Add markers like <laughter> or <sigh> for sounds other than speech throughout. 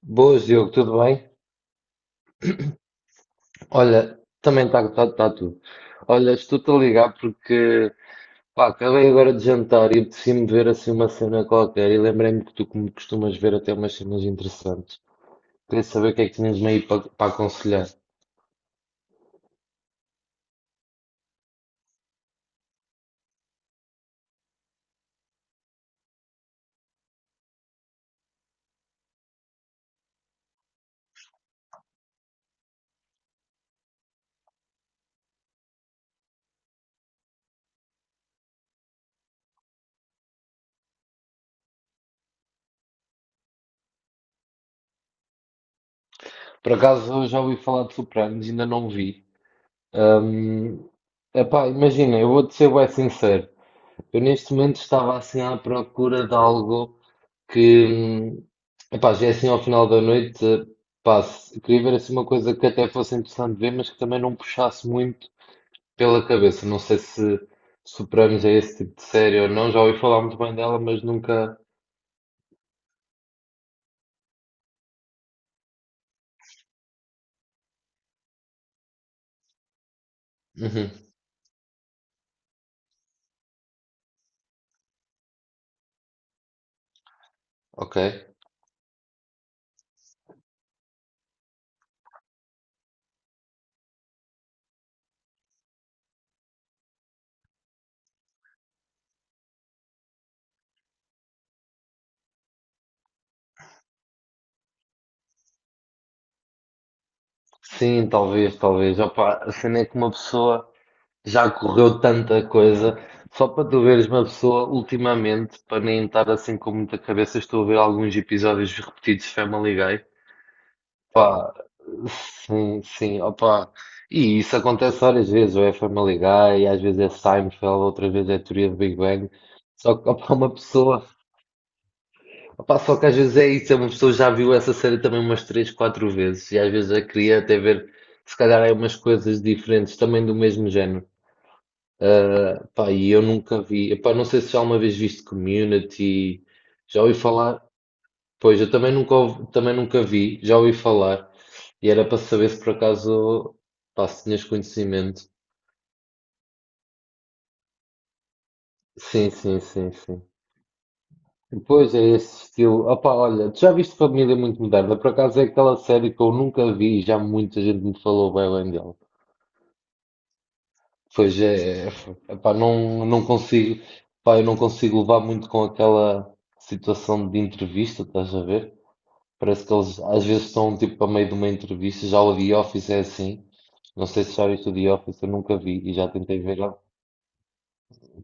Boas, Diogo, tudo bem? Olha, também está tá tudo. Olha, estou-te a ligar porque pá, acabei agora de jantar e decidi-me ver assim uma cena qualquer e lembrei-me que tu como costumas ver até umas cenas interessantes. Queria saber o que é que tinhas-me aí para aconselhar. Por acaso eu já ouvi falar de Sopranos, ainda não vi. Hum, Epá, imagina, eu vou-te ser bem sincero. Eu neste momento estava assim à procura de algo que, epá, já é assim ao final da noite, pá, queria ver assim uma coisa que até fosse interessante ver, mas que também não puxasse muito pela cabeça. Não sei se superamos a esse tipo de série ou não, já ouvi falar muito bem dela, mas nunca. Uhum, ok. Sim, talvez, talvez. Opa, a cena é que uma pessoa. Já correu tanta coisa. Só para tu veres uma pessoa, ultimamente, para nem estar assim com muita cabeça, estou a ver alguns episódios repetidos de Family Guy. Pá, sim, sim, opá. E isso acontece várias vezes, ou é Family Guy, às vezes é Seinfeld, outra vez é Teoria do Big Bang. Só que, opá, uma pessoa, opá, só que às vezes é isso, é uma pessoa já viu essa série também umas três, quatro vezes, e às vezes já queria até ver, se calhar, é umas coisas diferentes, também do mesmo género. Ah, pá, e eu nunca vi. Epá, não sei se já uma vez viste Community. Já ouvi falar. Pois, eu também nunca, ouvi- também nunca vi. Já ouvi falar. E era para saber se por acaso, pá, se tinhas conhecimento. Sim, sim, sim, sim. Pois é esse estilo. Opá, olha, tu já viste Família Muito Moderna? Por acaso é aquela série que eu nunca vi e já muita gente me falou bem, bem dela. Pois é, é, epá, não, não consigo, pá, eu não consigo levar muito com aquela situação de entrevista, estás a ver? Parece que eles às vezes estão tipo a meio de uma entrevista. Já o The Office é assim. Não sei se já viste o The Office, eu nunca vi e já tentei ver.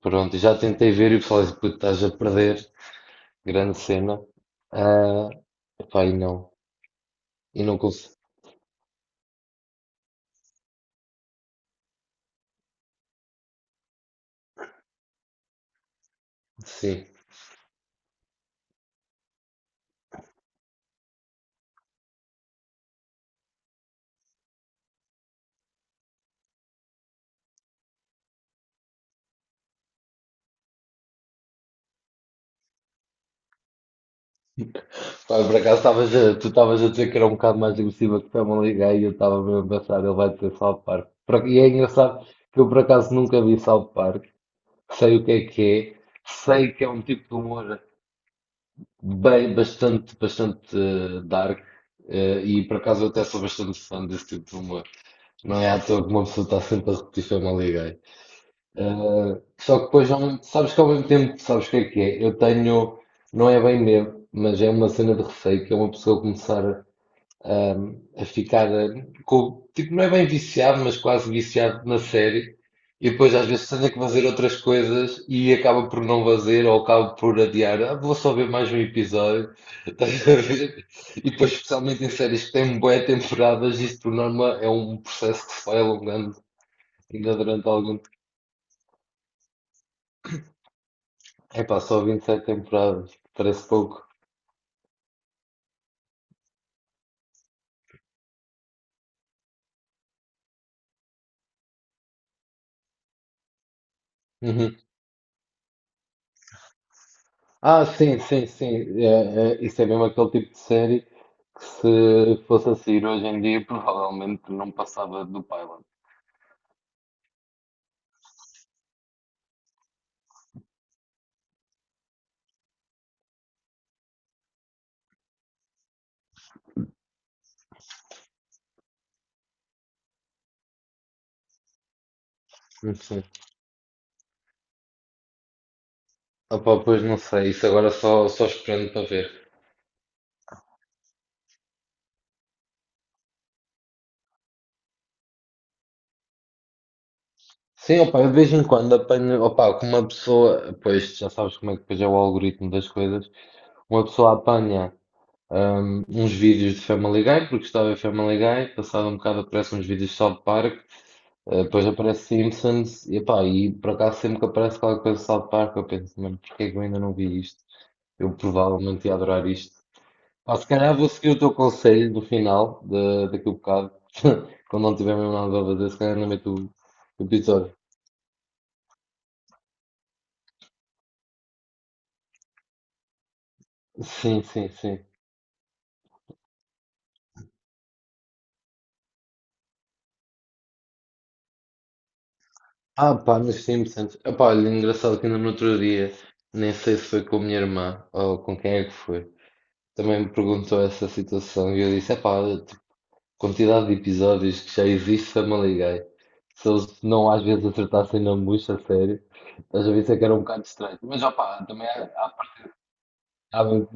Pronto, já tentei ver e falei, assim, puto, estás a perder. Grande cena. Ah, pá, e não. E não consigo. Sim. Pá, por acaso tu estavas a dizer que era um bocado mais agressiva que Family Guy e eu estava mesmo a pensar, ele vai dizer South Park. E é engraçado que eu por acaso nunca vi South Park. Sei o que é que é. Sei que é um tipo de humor. Bem, bastante, bastante dark. E por acaso eu até sou bastante fã desse tipo de humor. Não é à toa que uma pessoa está sempre a repetir Family Guy. Eh, só que depois, sabes que ao mesmo tempo, sabes o que é que é? Eu tenho, não é bem medo, mas é uma cena de receio que é uma pessoa começar a ficar com, tipo, não é bem viciado, mas quase viciado na série. E depois às vezes tenho que fazer outras coisas e acaba por não fazer ou acaba por adiar. Ah, vou só ver mais um episódio. <laughs> Estás a ver? E depois, especialmente em séries que têm bué temporadas, isto por norma é um processo que se vai alongando ainda durante algum tempo. Epá, só 27 temporadas, parece pouco. Uhum. Ah, sim, sim, sim. É, é, isso é mesmo aquele tipo de série que se fosse a sair hoje em dia provavelmente não passava do pilot. Sim, sim. Opa, pois não sei, isso agora só, só esperando para ver. Sim, opa, eu de vez em quando apanho, opa, com uma pessoa, pois já sabes como é que depois é o algoritmo das coisas, uma pessoa apanha uns vídeos de Family Guy, porque estava a ver Family Guy, passado um bocado aparecem uns vídeos de South Park. Depois aparece Simpsons e, epá, e por acaso sempre que aparece qualquer coisa de South Park eu penso, mano, porque é que eu ainda não vi isto? Eu provavelmente ia adorar isto. Pá, se calhar vou seguir o teu conselho no final, de, daqui a um bocado, <laughs> quando não tiver mesmo nada a fazer, se calhar ainda meto o episódio. Sim, sim, sim. Ah, pá, mas Simpsons. Epá, olha, engraçado que ainda no outro dia, nem sei se foi com a minha irmã ou com quem é que foi, também me perguntou essa situação e eu disse, epá, quantidade de episódios que já existe Samaligai. Se eles não às vezes acertassem na bucha, a sério, às vezes é que era um bocado estranho. Mas opá, também há, há, há muito,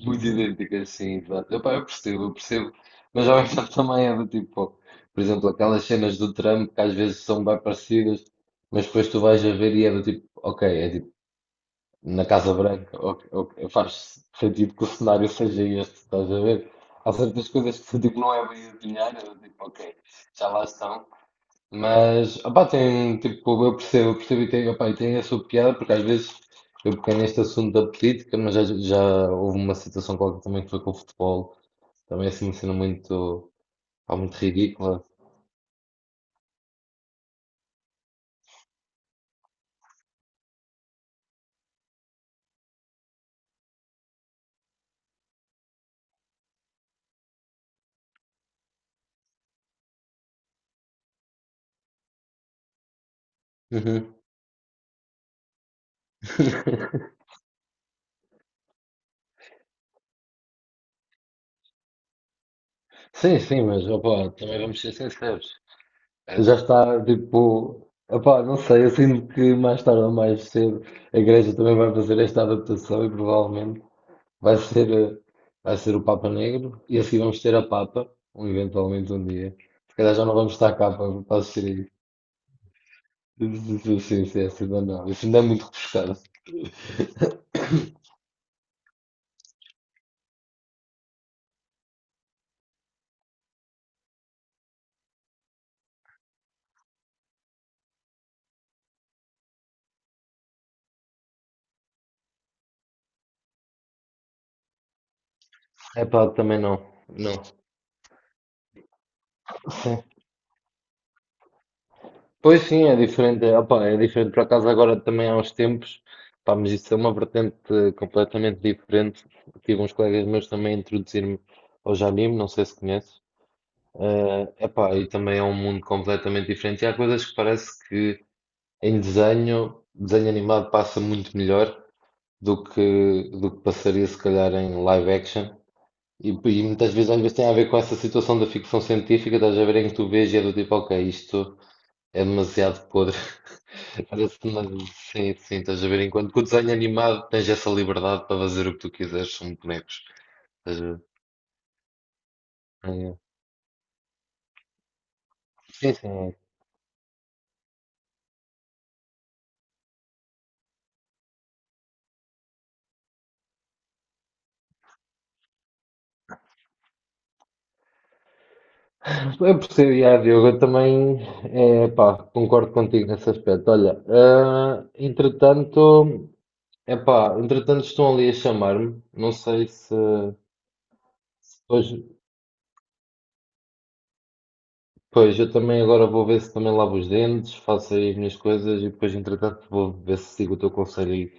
muito idênticas, sim, exato. Opá, eu percebo, eu percebo. Mas ao mesmo tempo também é do tipo, por exemplo, aquelas cenas do Trump que às vezes são bem parecidas, mas depois tu vais a ver e é do tipo, ok, é na Casa Branca, faz sentido que o cenário seja este, estás a ver? Há certas coisas que se tipo, não é bem adivinhar, eu tipo, ok, já lá estão. Mas, opá, tem, tipo, eu percebo e tem, opá, e tem a sua piada, porque às vezes eu peguei neste assunto da política, mas já, já houve uma situação qualquer também que foi com o futebol, também assim, uma cena muito, pá, muito ridícula. Uhum. <laughs> Sim, sim, mas, opá, também vamos ser sinceros. Já está tipo. Epá, não sei, eu sinto que mais tarde ou mais cedo a Igreja também vai fazer esta adaptação e provavelmente vai ser, eh, vai ser o Papa Negro e assim vamos ter a Papa, um, eventualmente um dia. Se calhar já não vamos estar cá para, para assistir aí. Sim, sim, sim, sim, ainda não. Isso ainda é muito refrescado. Epá, também não. Não. Pois sim, é diferente. Opa, é diferente por acaso agora também há uns tempos. Pá, mas isso é uma vertente completamente diferente. Tive uns colegas meus também a introduzir-me ao anime, não sei se conheces. Epá, e também é um mundo completamente diferente. E há coisas que parece que em desenho animado passa muito melhor do que passaria se calhar em live action. E muitas vezes, às vezes tem a ver com essa situação da ficção científica, estás a ver em que tu vês e é do tipo, ok, isto é demasiado podre. Parece uma... Sim, sim, estás a ver? Enquanto que o desenho animado tens essa liberdade para fazer o que tu quiseres, são bonecos. Estás a ver? É. Sim, sim. Eu percebo, yeah, Diogo, eu também é, pá, concordo contigo nesse aspecto. Olha, ah, entretanto, é pá, entretanto estão ali a chamar-me. Não sei se, se depois. Pois, eu também agora vou ver se também lavo os dentes, faço aí as minhas coisas e depois, entretanto, vou ver se sigo o teu conselho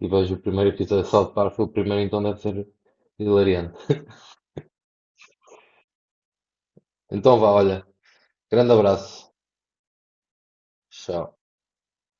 e vejo o primeiro episódio de South Park. Foi o primeiro, então deve ser hilariante. Então vá, olha, grande abraço. Tchau.